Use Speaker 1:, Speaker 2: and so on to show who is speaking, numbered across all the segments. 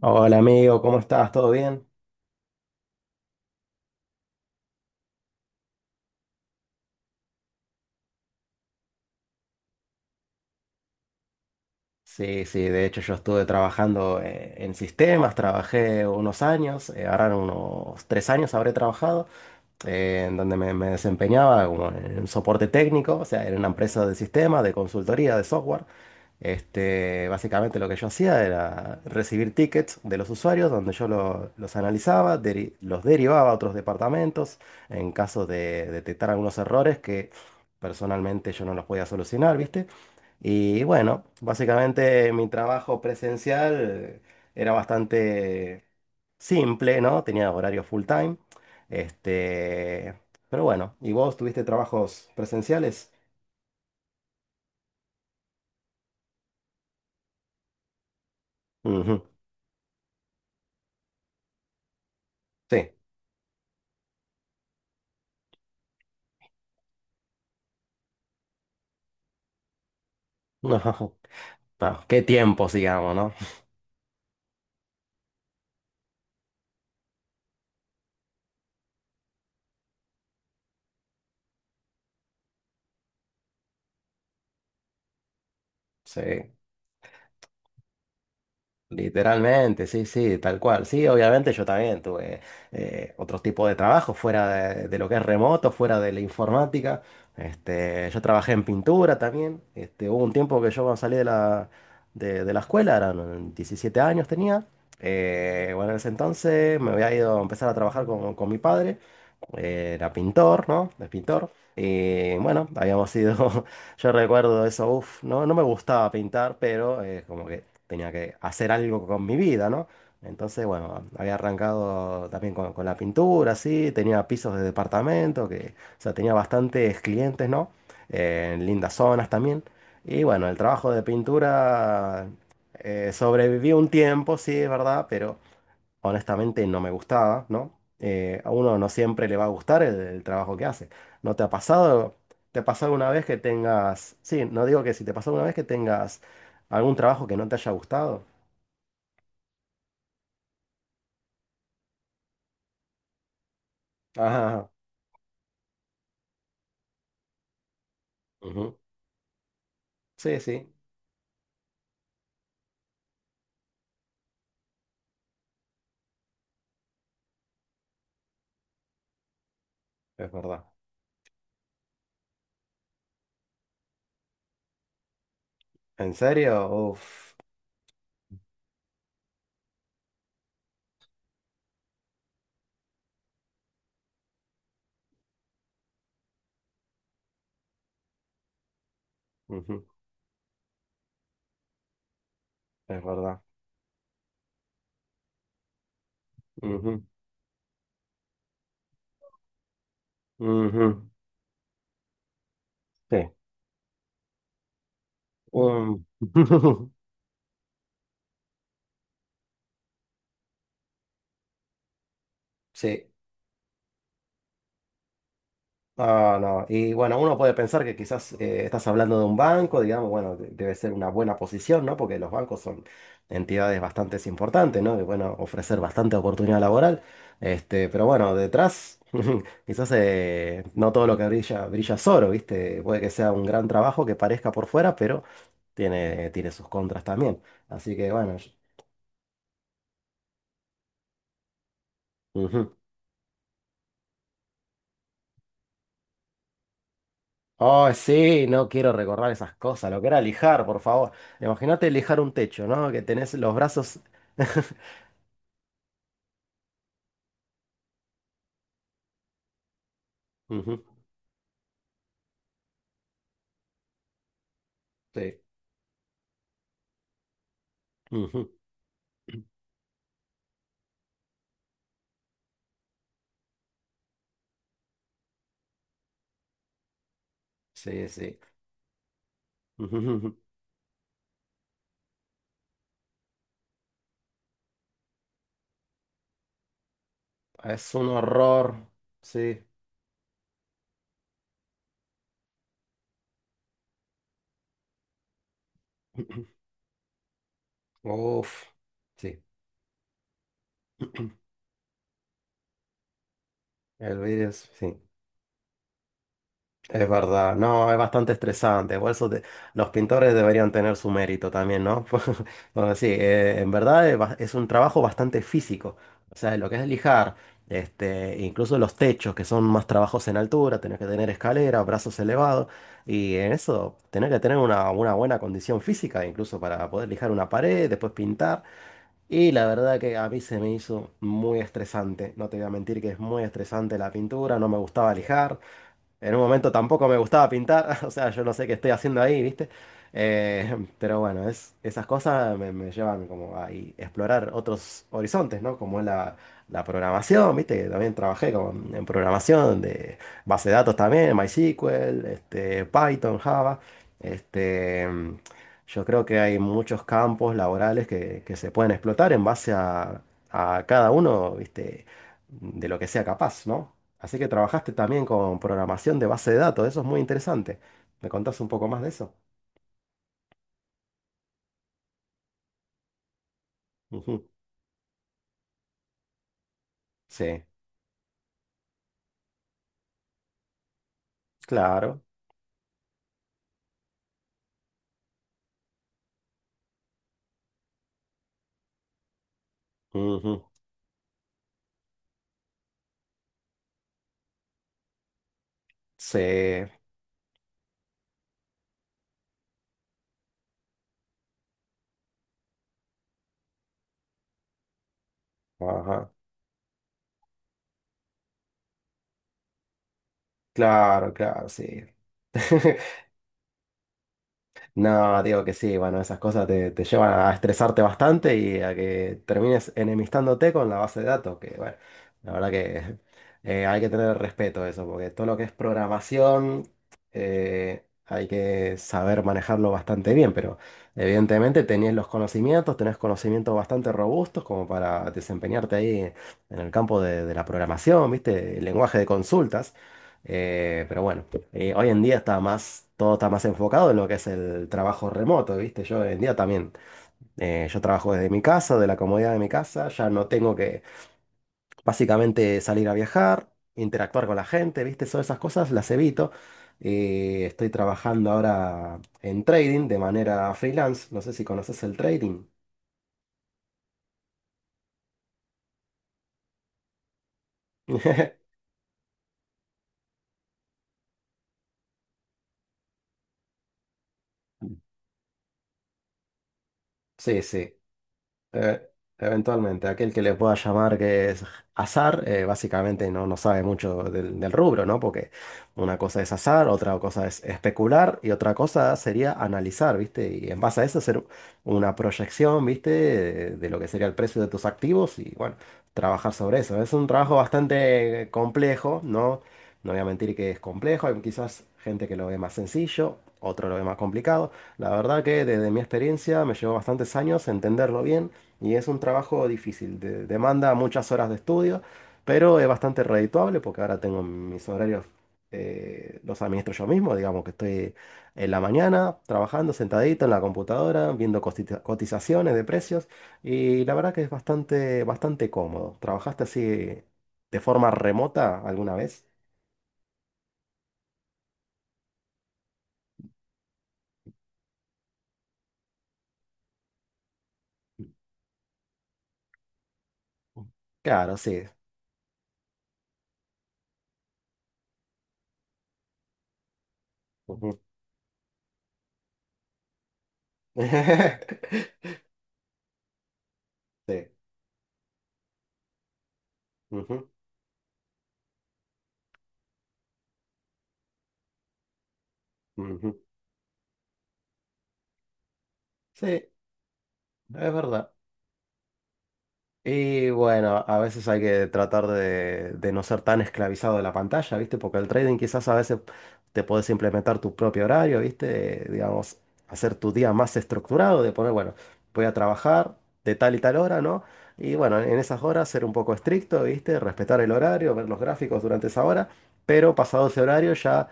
Speaker 1: Hola amigo, ¿cómo estás? ¿Todo bien? Sí, sí, de hecho yo estuve trabajando en sistemas, trabajé unos años, ahora unos 3 años habré trabajado, en donde me desempeñaba como en soporte técnico, o sea, en una empresa de sistemas, de consultoría, de software. Este, básicamente lo que yo hacía era recibir tickets de los usuarios, donde yo los analizaba, los derivaba a otros departamentos en caso de detectar algunos errores que personalmente yo no los podía solucionar, ¿viste? Y bueno, básicamente mi trabajo presencial era bastante simple, ¿no? Tenía horario full time. Este, pero bueno, ¿y vos tuviste trabajos presenciales? Ujú. Sí. No, qué tiempos, digamos, ¿no? Sí. Literalmente, sí, sí, tal cual. Sí, obviamente yo también tuve otros tipos de trabajo fuera de lo que es remoto, fuera de la informática. Este, yo trabajé en pintura también. Este, hubo un tiempo que yo cuando salí de la escuela, eran 17 años tenía. Bueno, en ese entonces me había ido a empezar a trabajar con mi padre. Era pintor, ¿no? Es pintor. Y bueno, habíamos ido. Yo recuerdo eso, uff, no, no me gustaba pintar, pero como que tenía que hacer algo con mi vida, ¿no? Entonces, bueno, había arrancado también con la pintura, sí, tenía pisos de departamento, que, o sea, tenía bastantes clientes, ¿no? En lindas zonas también. Y bueno, el trabajo de pintura sobrevivió un tiempo, sí, es verdad, pero honestamente no me gustaba, ¿no? A uno no siempre le va a gustar el trabajo que hace. ¿No te ha pasado? ¿Te ha pasado una vez que tengas, sí, no digo que si te pasó una vez que tengas algún trabajo que no te haya gustado? Ajá, ujú. Sí, sí, es verdad. ¿En serio? Uf, ujú, es verdad. Ujú, ujú, sí. Um, Sí. Ah, no. Y bueno, uno puede pensar que quizás estás hablando de un banco, digamos, bueno, debe ser una buena posición, ¿no? Porque los bancos son entidades bastante importantes, ¿no? Que bueno, ofrecer bastante oportunidad laboral. Este, pero bueno, detrás, quizás no todo lo que brilla, brilla es oro, ¿viste? Puede que sea un gran trabajo que parezca por fuera, pero tiene sus contras también. Así que bueno. Ujú. Oh, sí, no quiero recordar esas cosas, lo que era lijar, por favor. Imagínate lijar un techo, ¿no? Que tenés los brazos. Ujú, sí. Ujú, sí, sí. Ujú, es un horror. Sí. Uf. Sí. El vídeo es. Sí. Es verdad, no, es bastante estresante. Por eso los pintores deberían tener su mérito también, ¿no? Bueno, sí, en verdad es un trabajo bastante físico. O sea, lo que es lijar, este, incluso los techos, que son más trabajos en altura, tenés que tener escalera, brazos elevados, y en eso tenés que tener una buena condición física, incluso para poder lijar una pared, después pintar. Y la verdad que a mí se me hizo muy estresante. No te voy a mentir que es muy estresante la pintura, no me gustaba lijar. En un momento tampoco me gustaba pintar, o sea, yo no sé qué estoy haciendo ahí, ¿viste? Pero bueno, esas cosas me llevan como a y explorar otros horizontes, ¿no? Como es la programación, ¿viste? Que también trabajé como en programación de base de datos también, MySQL, este, Python, Java. Este, yo creo que hay muchos campos laborales que se pueden explotar en base a cada uno, ¿viste? De lo que sea capaz, ¿no? Así que trabajaste también con programación de base de datos, eso es muy interesante. ¿Me contás un poco más de eso? Ujú. Sí, claro. Ujú. Sí, ajá. Claro, claro, sí. No, digo que sí, bueno, esas cosas te llevan a estresarte bastante y a que termines enemistándote con la base de datos, que bueno, la verdad que hay que tener respeto a eso, porque todo lo que es programación hay que saber manejarlo bastante bien, pero evidentemente tenés los conocimientos, tenés conocimientos bastante robustos como para desempeñarte ahí en el campo de la programación, ¿viste? El lenguaje de consultas. Pero bueno, hoy en día está más, todo está más enfocado en lo que es el trabajo remoto, ¿viste? Yo hoy en día también, yo trabajo desde mi casa, de la comodidad de mi casa, ya no tengo que básicamente salir a viajar, interactuar con la gente, ¿viste? Todas esas cosas las evito. Estoy trabajando ahora en trading de manera freelance, no sé si conoces el trading. Sí, sí. Eh, eventualmente, aquel que le pueda llamar que es azar, básicamente no, no sabe mucho del rubro, ¿no? Porque una cosa es azar, otra cosa es especular y otra cosa sería analizar, ¿viste? Y en base a eso hacer una proyección, ¿viste? De lo que sería el precio de tus activos y bueno, trabajar sobre eso. Es un trabajo bastante complejo, ¿no? No voy a mentir que es complejo, hay quizás gente que lo ve más sencillo, otro lo ve más complicado. La verdad que desde mi experiencia me llevó bastantes años entenderlo bien y es un trabajo difícil, demanda muchas horas de estudio, pero es bastante redituable porque ahora tengo mis horarios, los administro yo mismo, digamos que estoy en la mañana trabajando sentadito en la computadora, viendo cotizaciones de precios y la verdad que es bastante, bastante cómodo. ¿Trabajaste así de forma remota alguna vez? Claro, sí. Ujú. Sí. Ujú, ujú. Sí, es verdad. Y bueno, a veces hay que tratar de no ser tan esclavizado de la pantalla, ¿viste? Porque el trading quizás a veces te puedes implementar tu propio horario, ¿viste? Digamos, hacer tu día más estructurado, de poner, bueno, voy a trabajar de tal y tal hora, ¿no? Y bueno, en esas horas ser un poco estricto, ¿viste? Respetar el horario, ver los gráficos durante esa hora, pero pasado ese horario ya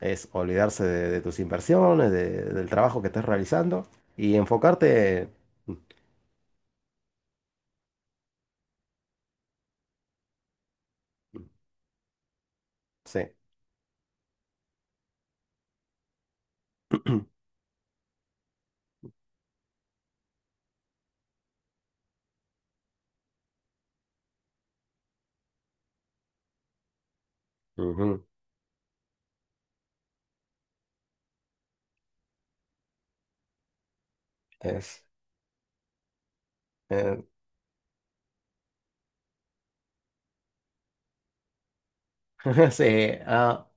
Speaker 1: es olvidarse de tus inversiones, del trabajo que estés realizando y enfocarte... Mm, sí. Ujú. Es, eh, sí, ah,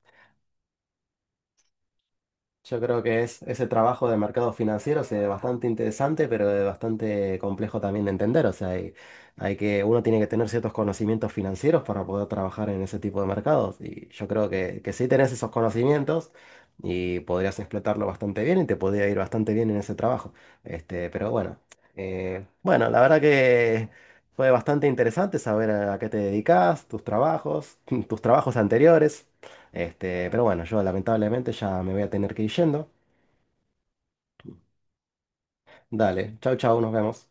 Speaker 1: yo creo que es ese trabajo de mercados financieros es bastante interesante, pero es bastante complejo también de entender. O sea, hay que, uno tiene que tener ciertos conocimientos financieros para poder trabajar en ese tipo de mercados. Y yo creo que sí tenés esos conocimientos y podrías explotarlo bastante bien y te podría ir bastante bien en ese trabajo. Este, pero bueno, bueno, la verdad que fue bastante interesante saber a qué te dedicas, tus trabajos, tus trabajos anteriores. Este, pero bueno, yo lamentablemente ya me voy a tener que ir yendo. Dale, chau, chau, nos vemos.